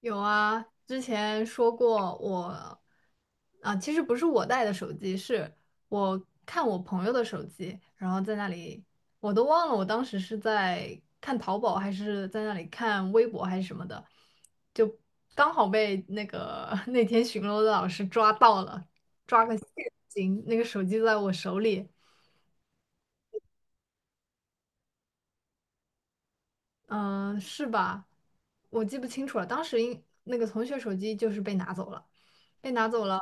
有啊，之前说过我，其实不是我带的手机，是我看我朋友的手机，然后在那里，我都忘了我当时是在看淘宝还是在那里看微博还是什么的，就刚好被那天巡逻的老师抓到了，抓个现行，那个手机在我手里。嗯，是吧？我记不清楚了，当时应那个同学手机就是被拿走了，被拿走了，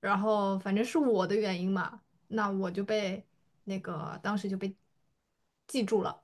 然后反正是我的原因嘛，那我就被当时就被记住了。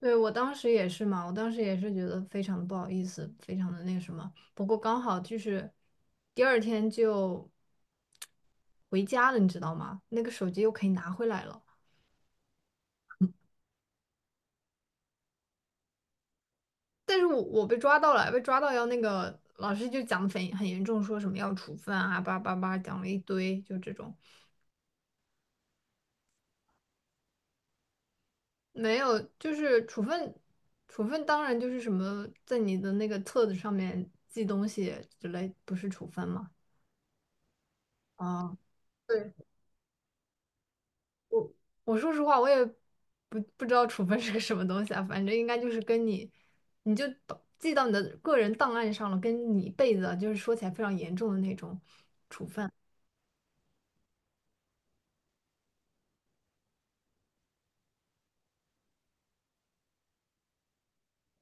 对，我当时也是嘛，我当时也是觉得非常的不好意思，非常的那个什么。不过刚好就是第二天就回家了，你知道吗？那个手机又可以拿回来了。但是我被抓到了，被抓到要那个老师就讲的很严重，说什么要处分啊，叭叭叭讲了一堆，就这种没有，就是处分，处分当然就是什么在你的那个册子上面记东西之类，不是处分吗？啊，对，我说实话，我也不知道处分是个什么东西啊，反正应该就是跟你，你就把记到你的个人档案上了，跟你一辈子啊，就是说起来非常严重的那种。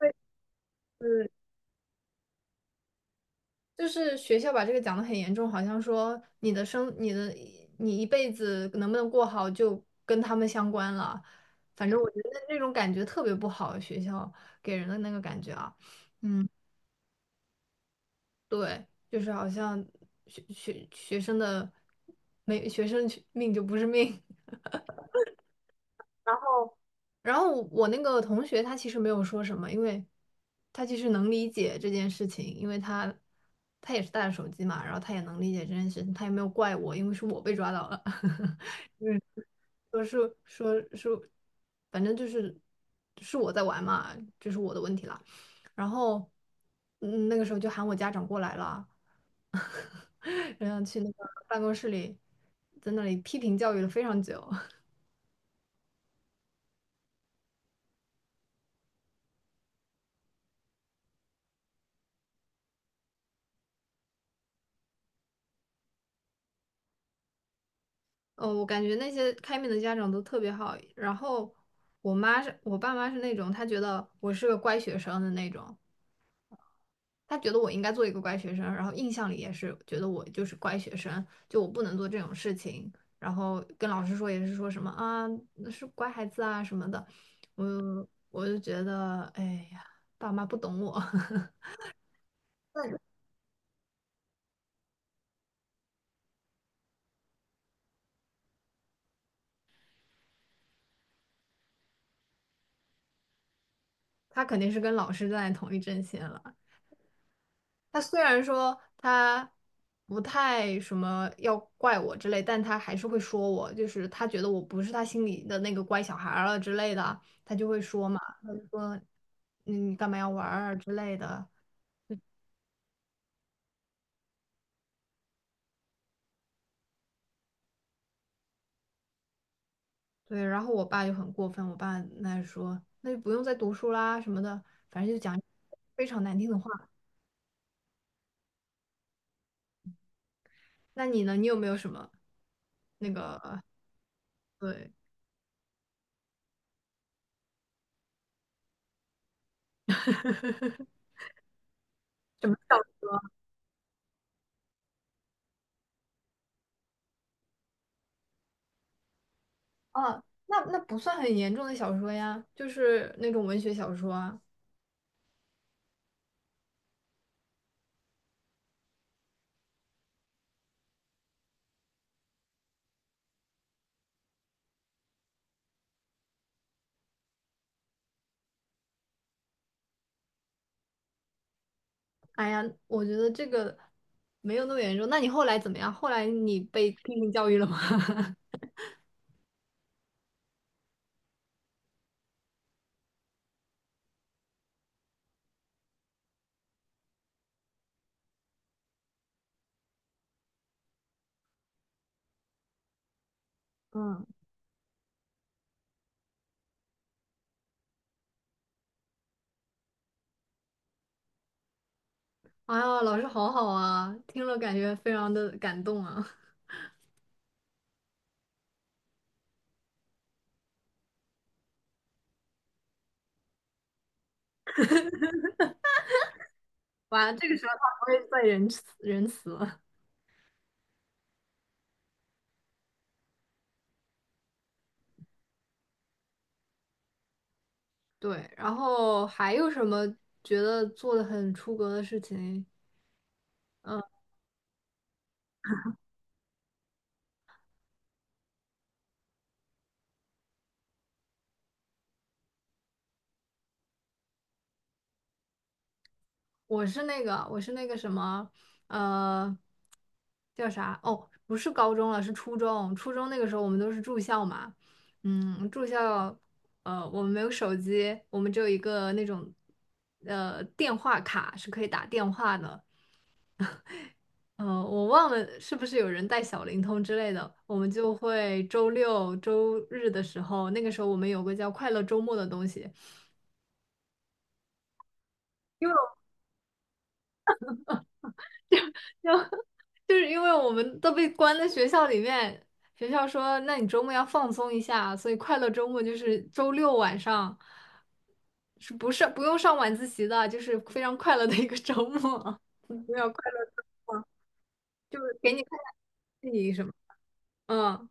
对，就是学校把这个讲得很严重，好像说你的生、你的、你一辈子能不能过好就跟他们相关了。反正我觉得那种感觉特别不好，学校给人的那个感觉啊。嗯，对，就是好像学生的没学生去命就不是命。然后我那个同学他其实没有说什么，因为他其实能理解这件事情，因为他也是带着手机嘛，然后他也能理解这件事情，他也没有怪我，因为是我被抓到了。说是说是，反正就是是我在玩嘛，这是我的问题了。然后嗯，那个时候就喊我家长过来了，然后去那个办公室里在那里批评教育了非常久。哦，我感觉那些开明的家长都特别好。然后我爸妈是那种，他觉得我是个乖学生的那种，他觉得我应该做一个乖学生，然后印象里也是觉得我就是乖学生，就我不能做这种事情。然后跟老师说也是说什么啊，那是乖孩子啊什么的。我就觉得，哎呀，爸妈不懂我。那他肯定是跟老师站在同一阵线了。他虽然说他不太什么要怪我之类，但他还是会说我，就是他觉得我不是他心里的那个乖小孩儿了之类的，他就会说嘛，他就说嗯你干嘛要玩儿啊之类的。对，然后我爸就很过分，我爸那说那就不用再读书啦什么的，反正就讲非常难听的话。那你呢？你有没有什么那个对 什么小啊？那那不算很严重的小说呀，就是那种文学小说啊。哎呀，我觉得这个没有那么严重。那你后来怎么样？后来你被批评教育了吗？嗯，哎呀，老师好好啊，听了感觉非常的感动啊。完了，这个时候他不会再仁慈仁慈了。对，然后还有什么觉得做的很出格的事情？嗯。我是那个，我是那个什么，呃，叫啥？哦，不是高中了，是初中。初中那个时候我们都是住校嘛，嗯，住校。我们没有手机，我们只有一个那种，电话卡是可以打电话的。我忘了是不是有人带小灵通之类的，我们就会周六周日的时候，那个时候我们有个叫快乐周末的东西，因为。就是因为我们都被关在学校里面，学校说，那你周末要放松一下，所以快乐周末就是周六晚上，是不是不用上晚自习的，就是非常快乐的一个周末，没有快乐，就是给你看看戏什么。嗯，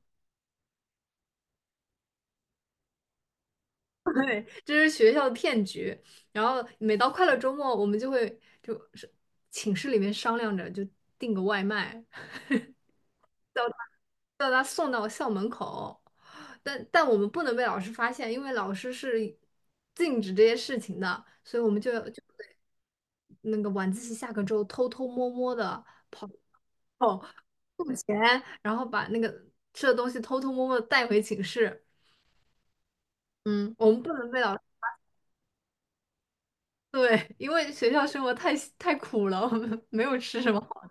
对，这是学校的骗局。然后每到快乐周末，我们就会就是寝室里面商量着就订个外卖，把他送到校门口，但我们不能被老师发现，因为老师是禁止这些事情的，所以我们就得那个晚自习下课之后偷偷摸摸的跑到付钱，然后把那个吃的东西偷偷摸摸的带回寝室。嗯，我们不能被老师，对，因为学校生活太苦了，我们没有吃什么好。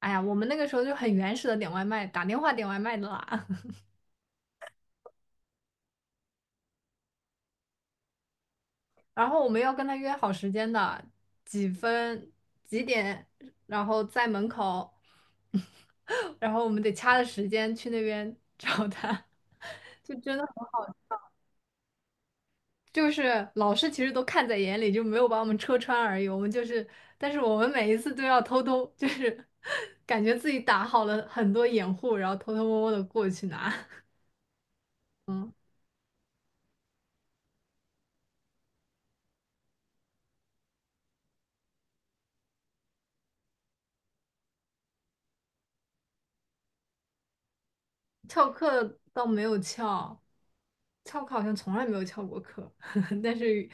哎呀，我们那个时候就很原始的点外卖，打电话点外卖的啦。然后我们要跟他约好时间的，几分几点，然后在门口，然后我们得掐着时间去那边找他，就真的很好，就是老师其实都看在眼里，就没有把我们戳穿而已。我们就是，但是我们每一次都要偷偷，就是 感觉自己打好了很多掩护，然后偷偷摸摸的过去拿。嗯。翘课倒没有翘，翘课好像从来没有翘过课，但是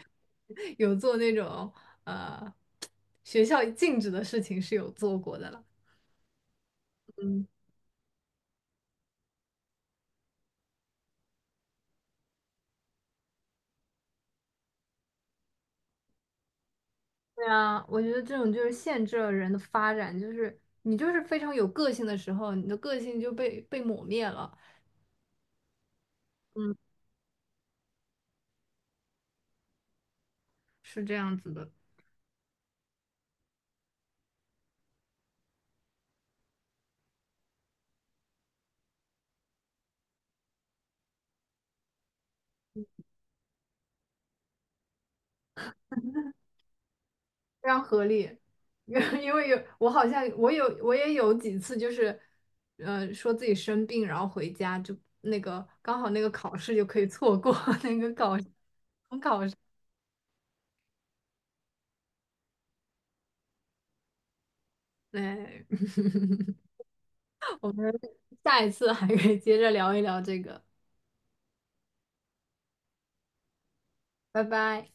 有做那种呃学校禁止的事情是有做过的了。嗯，对啊，我觉得这种就是限制了人的发展，就是你就是非常有个性的时候，你的个性就被抹灭了。嗯，是这样子的。非常合理，因为有我好像我有我也有几次就是，说自己生病，然后回家就那个刚好那个考试就可以错过 那个考试。哎 我们下一次还可以接着聊一聊这个，拜拜。